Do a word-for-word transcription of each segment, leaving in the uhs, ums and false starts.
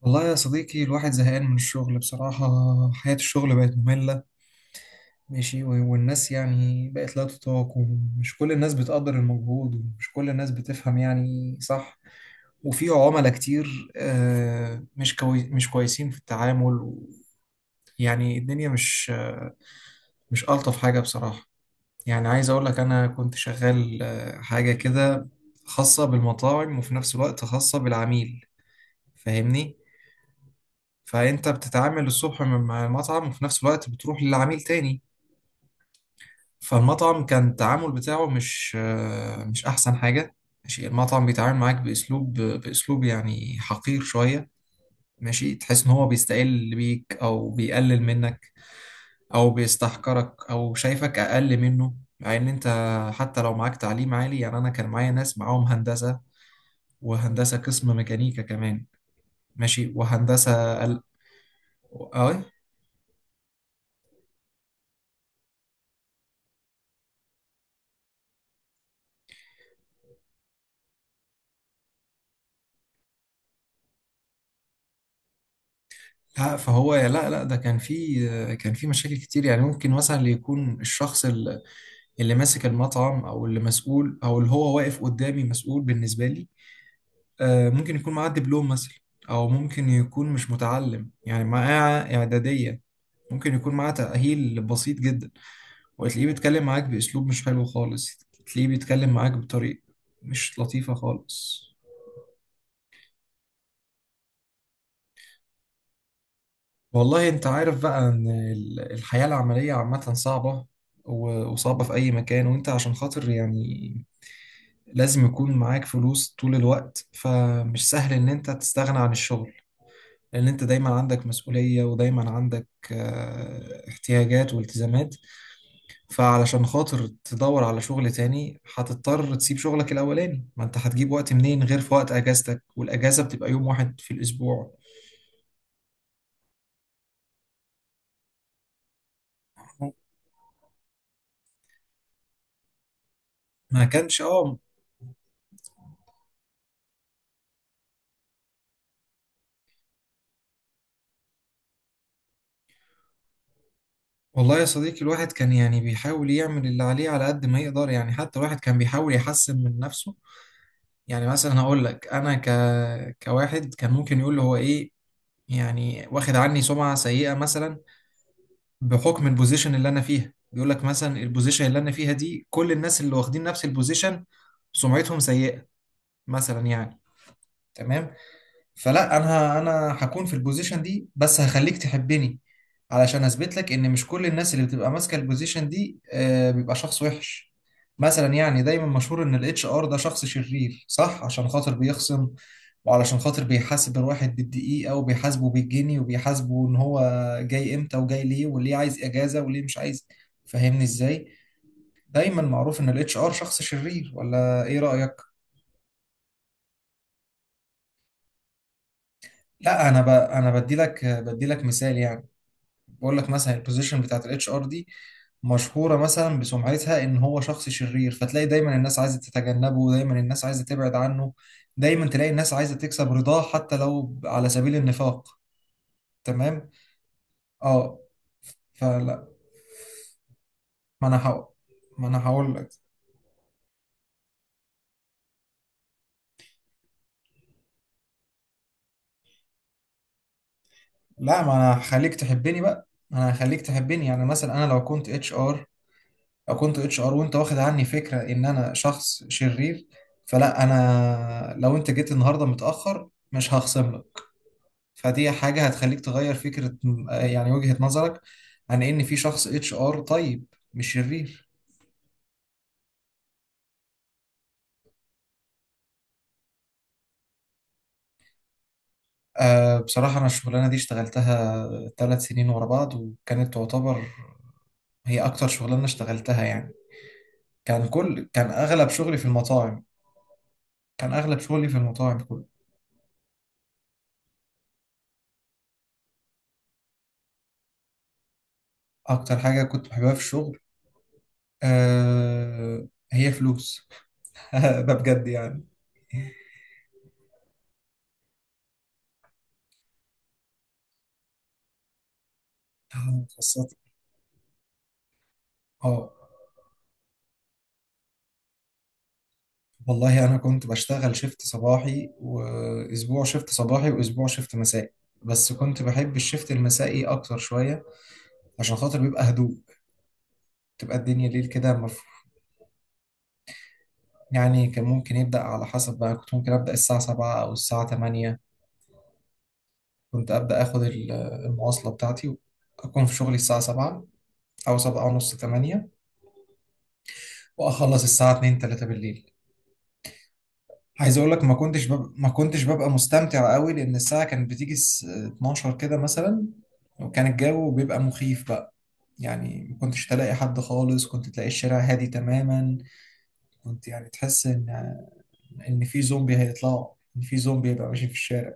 والله يا صديقي الواحد زهقان من الشغل بصراحة. حياة الشغل بقت مملة، ماشي. و- والناس يعني بقت لا تطاق، ومش كل الناس بتقدر المجهود، ومش كل الناس بتفهم يعني صح. وفي عملاء كتير آه، مش كوي مش كويسين في التعامل و- يعني. الدنيا مش آه، مش ألطف حاجة بصراحة. يعني عايز أقول لك أنا كنت شغال آه، حاجة كده، خاصة بالمطاعم وفي نفس الوقت خاصة بالعميل. فاهمني؟ فانت بتتعامل الصبح مع المطعم، وفي نفس الوقت بتروح للعميل تاني. فالمطعم كان التعامل بتاعه مش آه، مش احسن حاجة، ماشي. المطعم بيتعامل معاك باسلوب باسلوب يعني حقير شوية، ماشي. تحس ان هو بيستقل بيك، او بيقلل منك، او بيستحقرك، او شايفك اقل منه، مع ان انت حتى لو معاك تعليم عالي. يعني انا كان معايا ناس معاهم هندسة، وهندسة قسم ميكانيكا كمان، ماشي. وهندسة ال... اه. لا، فهو لا لا، ده كان في كان في مشاكل كتير. يعني ممكن مثلا اللي يكون الشخص، ال- اللي ماسك المطعم، او اللي مسؤول، او اللي هو واقف قدامي مسؤول بالنسبه لي، آه، ممكن يكون معاه دبلوم مثلا، او ممكن يكون مش متعلم يعني معاه اعداديه. ممكن يكون معاه تاهيل بسيط جدا، وتلاقيه بيتكلم معاك باسلوب مش حلو خالص. تلاقيه بيتكلم معاك بطريقه مش لطيفه خالص. والله انت عارف بقى ان ال- الحياة العملية عامة صعبة، و- وصعبة في اي مكان. وانت عشان خاطر يعني لازم يكون معاك فلوس طول الوقت، فمش سهل ان انت تستغنى عن الشغل، لان انت دايما عندك مسؤولية، ودايما عندك آه، احتياجات والتزامات. فعلشان خاطر تدور على شغل تاني هتضطر تسيب شغلك الاولاني. ما انت هتجيب وقت منين غير في وقت اجازتك؟ والاجازة بتبقى يوم واحد في الاسبوع. ما كانش، اه. والله يا صديقي الواحد كان يعني بيحاول يعمل اللي عليه على قد ما يقدر. يعني حتى الواحد كان بيحاول يحسن من نفسه. يعني مثلا هقول لك انا ك... كواحد كان ممكن يقول هو ايه، يعني واخد عني سمعة سيئة مثلا بحكم البوزيشن اللي انا فيها. بيقول لك مثلا البوزيشن اللي انا فيها دي، كل الناس اللي واخدين نفس البوزيشن سمعتهم سيئة مثلا يعني. تمام. فلا، انا انا هكون في البوزيشن دي بس هخليك تحبني، علشان اثبت لك ان مش كل الناس اللي بتبقى ماسكه البوزيشن دي آه، بيبقى شخص وحش. مثلا يعني دايما مشهور ان الاتش ار ده شخص شرير، صح؟ عشان خاطر بيخصم، وعلشان خاطر بيحاسب الواحد بالدقيقه، وبيحاسبه بالجنيه، وبيحاسبه ان هو جاي امتى، وجاي ليه، وليه عايز اجازه، وليه مش عايز. فاهمني ازاي؟ دايما معروف ان الاتش ار شخص شرير، ولا ايه رايك؟ لا، انا ب... انا بدي لك بدي لك مثال يعني. بقول لك مثلا البوزيشن بتاعت الاتش ار دي مشهوره مثلا بسمعتها ان هو شخص شرير، فتلاقي دايما الناس عايزه تتجنبه، دايما الناس عايزه تبعد عنه، دايما تلاقي الناس عايزه تكسب رضاه حتى لو على سبيل النفاق. تمام، اه. فلا، ما انا هقول ما انا هقول لك، لا، ما انا هخليك تحبني بقى، ما انا هخليك تحبني. يعني مثلا انا لو كنت اتش ار، لو كنت اتش ار وانت واخد عني فكره ان انا شخص شرير، فلا، انا لو انت جيت النهارده متاخر مش هخصم لك. فدي حاجة هتخليك تغير فكرة، يعني وجهة نظرك، عن ان في شخص اتش ار طيب، مش شرير. أه، بصراحة انا الشغلانة دي اشتغلتها ثلاث سنين ورا بعض، وكانت تعتبر هي اكتر شغلانة اشتغلتها يعني. كان كل كان اغلب شغلي في المطاعم. كان اغلب شغلي في المطاعم كله. اكتر حاجة كنت بحبها في الشغل، أه هي فلوس. ده بجد يعني. خاصة. اه، والله انا كنت بشتغل شيفت صباحي، واسبوع شيفت صباحي واسبوع شيفت مسائي. بس كنت بحب الشيفت المسائي اكتر شوية، عشان خاطر بيبقى هدوء، تبقى الدنيا ليل كده مف... يعني. كان ممكن يبدأ على حسب بقى. كنت ممكن أبدأ الساعة سبعة او الساعة تمانية. كنت أبدأ اخد ال- المواصلة بتاعتي، اكون في شغلي الساعة السابعة او السابعة ونص تمانية، واخلص الساعة الثانية الثالثة بالليل. عايز اقول لك ما كنتش بب... ما كنتش ببقى مستمتع قوي، لان الساعه كانت بتيجي الس- اتناشر كده مثلا. وكان الجو بيبقى مخيف بقى. يعني ما كنتش تلاقي حد خالص، كنت تلاقي الشارع هادي تماما. كنت يعني تحس ان ان في زومبي هيطلعوا، ان في زومبي هيبقى ماشي في الشارع.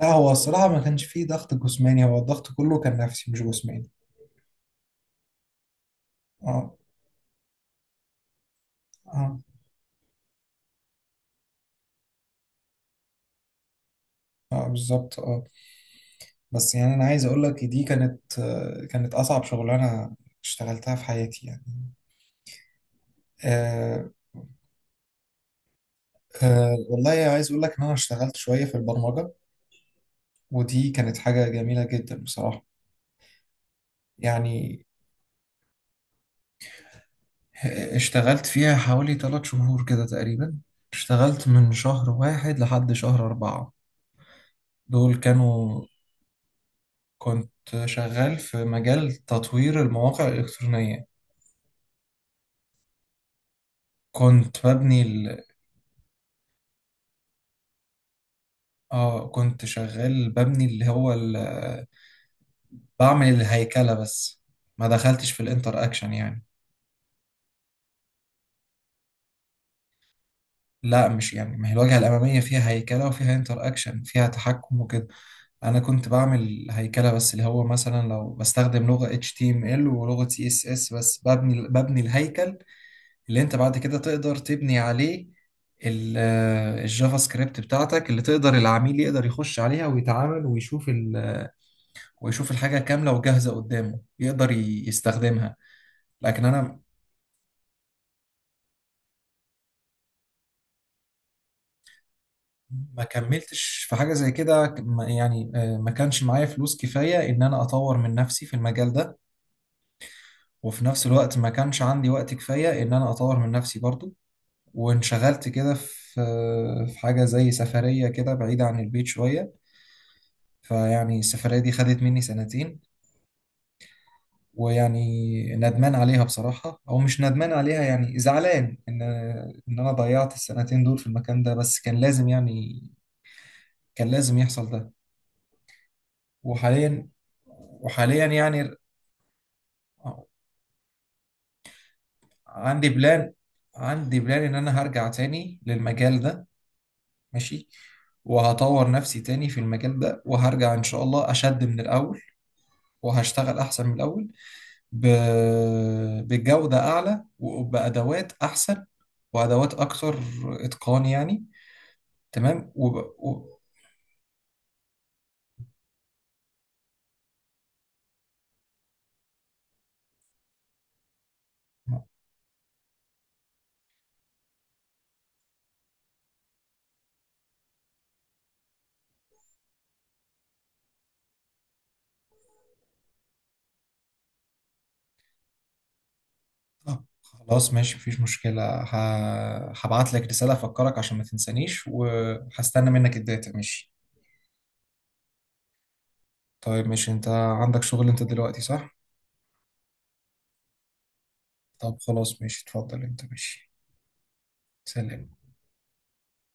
لا، هو الصراحه ما كانش فيه ضغط جسماني، هو الضغط كله كان نفسي مش جسماني. اه. اه. اه بالظبط، اه. بس يعني انا عايز اقول لك دي كانت آه، كانت اصعب شغلانه اشتغلتها في حياتي يعني. آه. آه والله عايز أقول لك إن أنا اشتغلت شوية في البرمجة، ودي كانت حاجة جميلة جدا بصراحة. يعني آه، اشتغلت فيها حوالي ثلاث شهور كده تقريبا. اشتغلت من شهر واحد لحد شهر أربعة، دول كانوا. كنت شغال في مجال تطوير المواقع الإلكترونية. كنت ببني ال... اه، كنت شغال ببني اللي هو ال... بعمل الهيكلة بس، ما دخلتش في الانتر اكشن يعني. لا مش يعني، ما هي الواجهة الأمامية فيها هيكلة، وفيها انتر أكشن، فيها تحكم وكده. أنا كنت بعمل هيكلة بس، اللي هو مثلا لو بستخدم لغة اتش تي ام ال ولغة سي اس اس بس، ببني ببني الهيكل اللي أنت بعد كده تقدر تبني عليه ال- الجافا سكريبت بتاعتك، اللي تقدر العميل يقدر يخش عليها ويتعامل، ويشوف ال، ويشوف الحاجة كاملة وجاهزة قدامه، يقدر ي- يستخدمها. لكن أنا ما كملتش في حاجة زي كده. ما- يعني آه، ما كانش معايا فلوس كفاية إن أنا أطور من نفسي في المجال ده، وفي نفس الوقت ما كانش عندي وقت كفاية إن أنا أطور من نفسي برضو. وانشغلت كده في آه، في حاجة زي سفرية كده بعيدة عن البيت شوية. فيعني السفرية دي خدت مني سنتين. ويعني ندمان عليها بصراحة، أو مش ندمان عليها يعني زعلان إن إن أنا ضيعت السنتين دول في المكان ده، بس كان لازم يعني، كان لازم يحصل ده. وحاليا وحاليا يعني، آه، عندي بلان عندي بلان ان انا هرجع تاني للمجال ده، ماشي. وهطور نفسي تاني في المجال ده، وهرجع ان شاء الله اشد من الاول، وهشتغل احسن من الاول، ب... بجودة اعلى، وبادوات احسن، وادوات اكتر اتقان يعني. تمام. وب... و... آه، خلاص ماشي، مفيش مشكلة. ه... هبعت لك رسالة افكرك عشان ما تنسانيش، وهستنى منك الداتا، ماشي. طيب، مش انت عندك شغل انت دلوقتي، صح؟ طب خلاص ماشي، اتفضل انت، ماشي. سلام.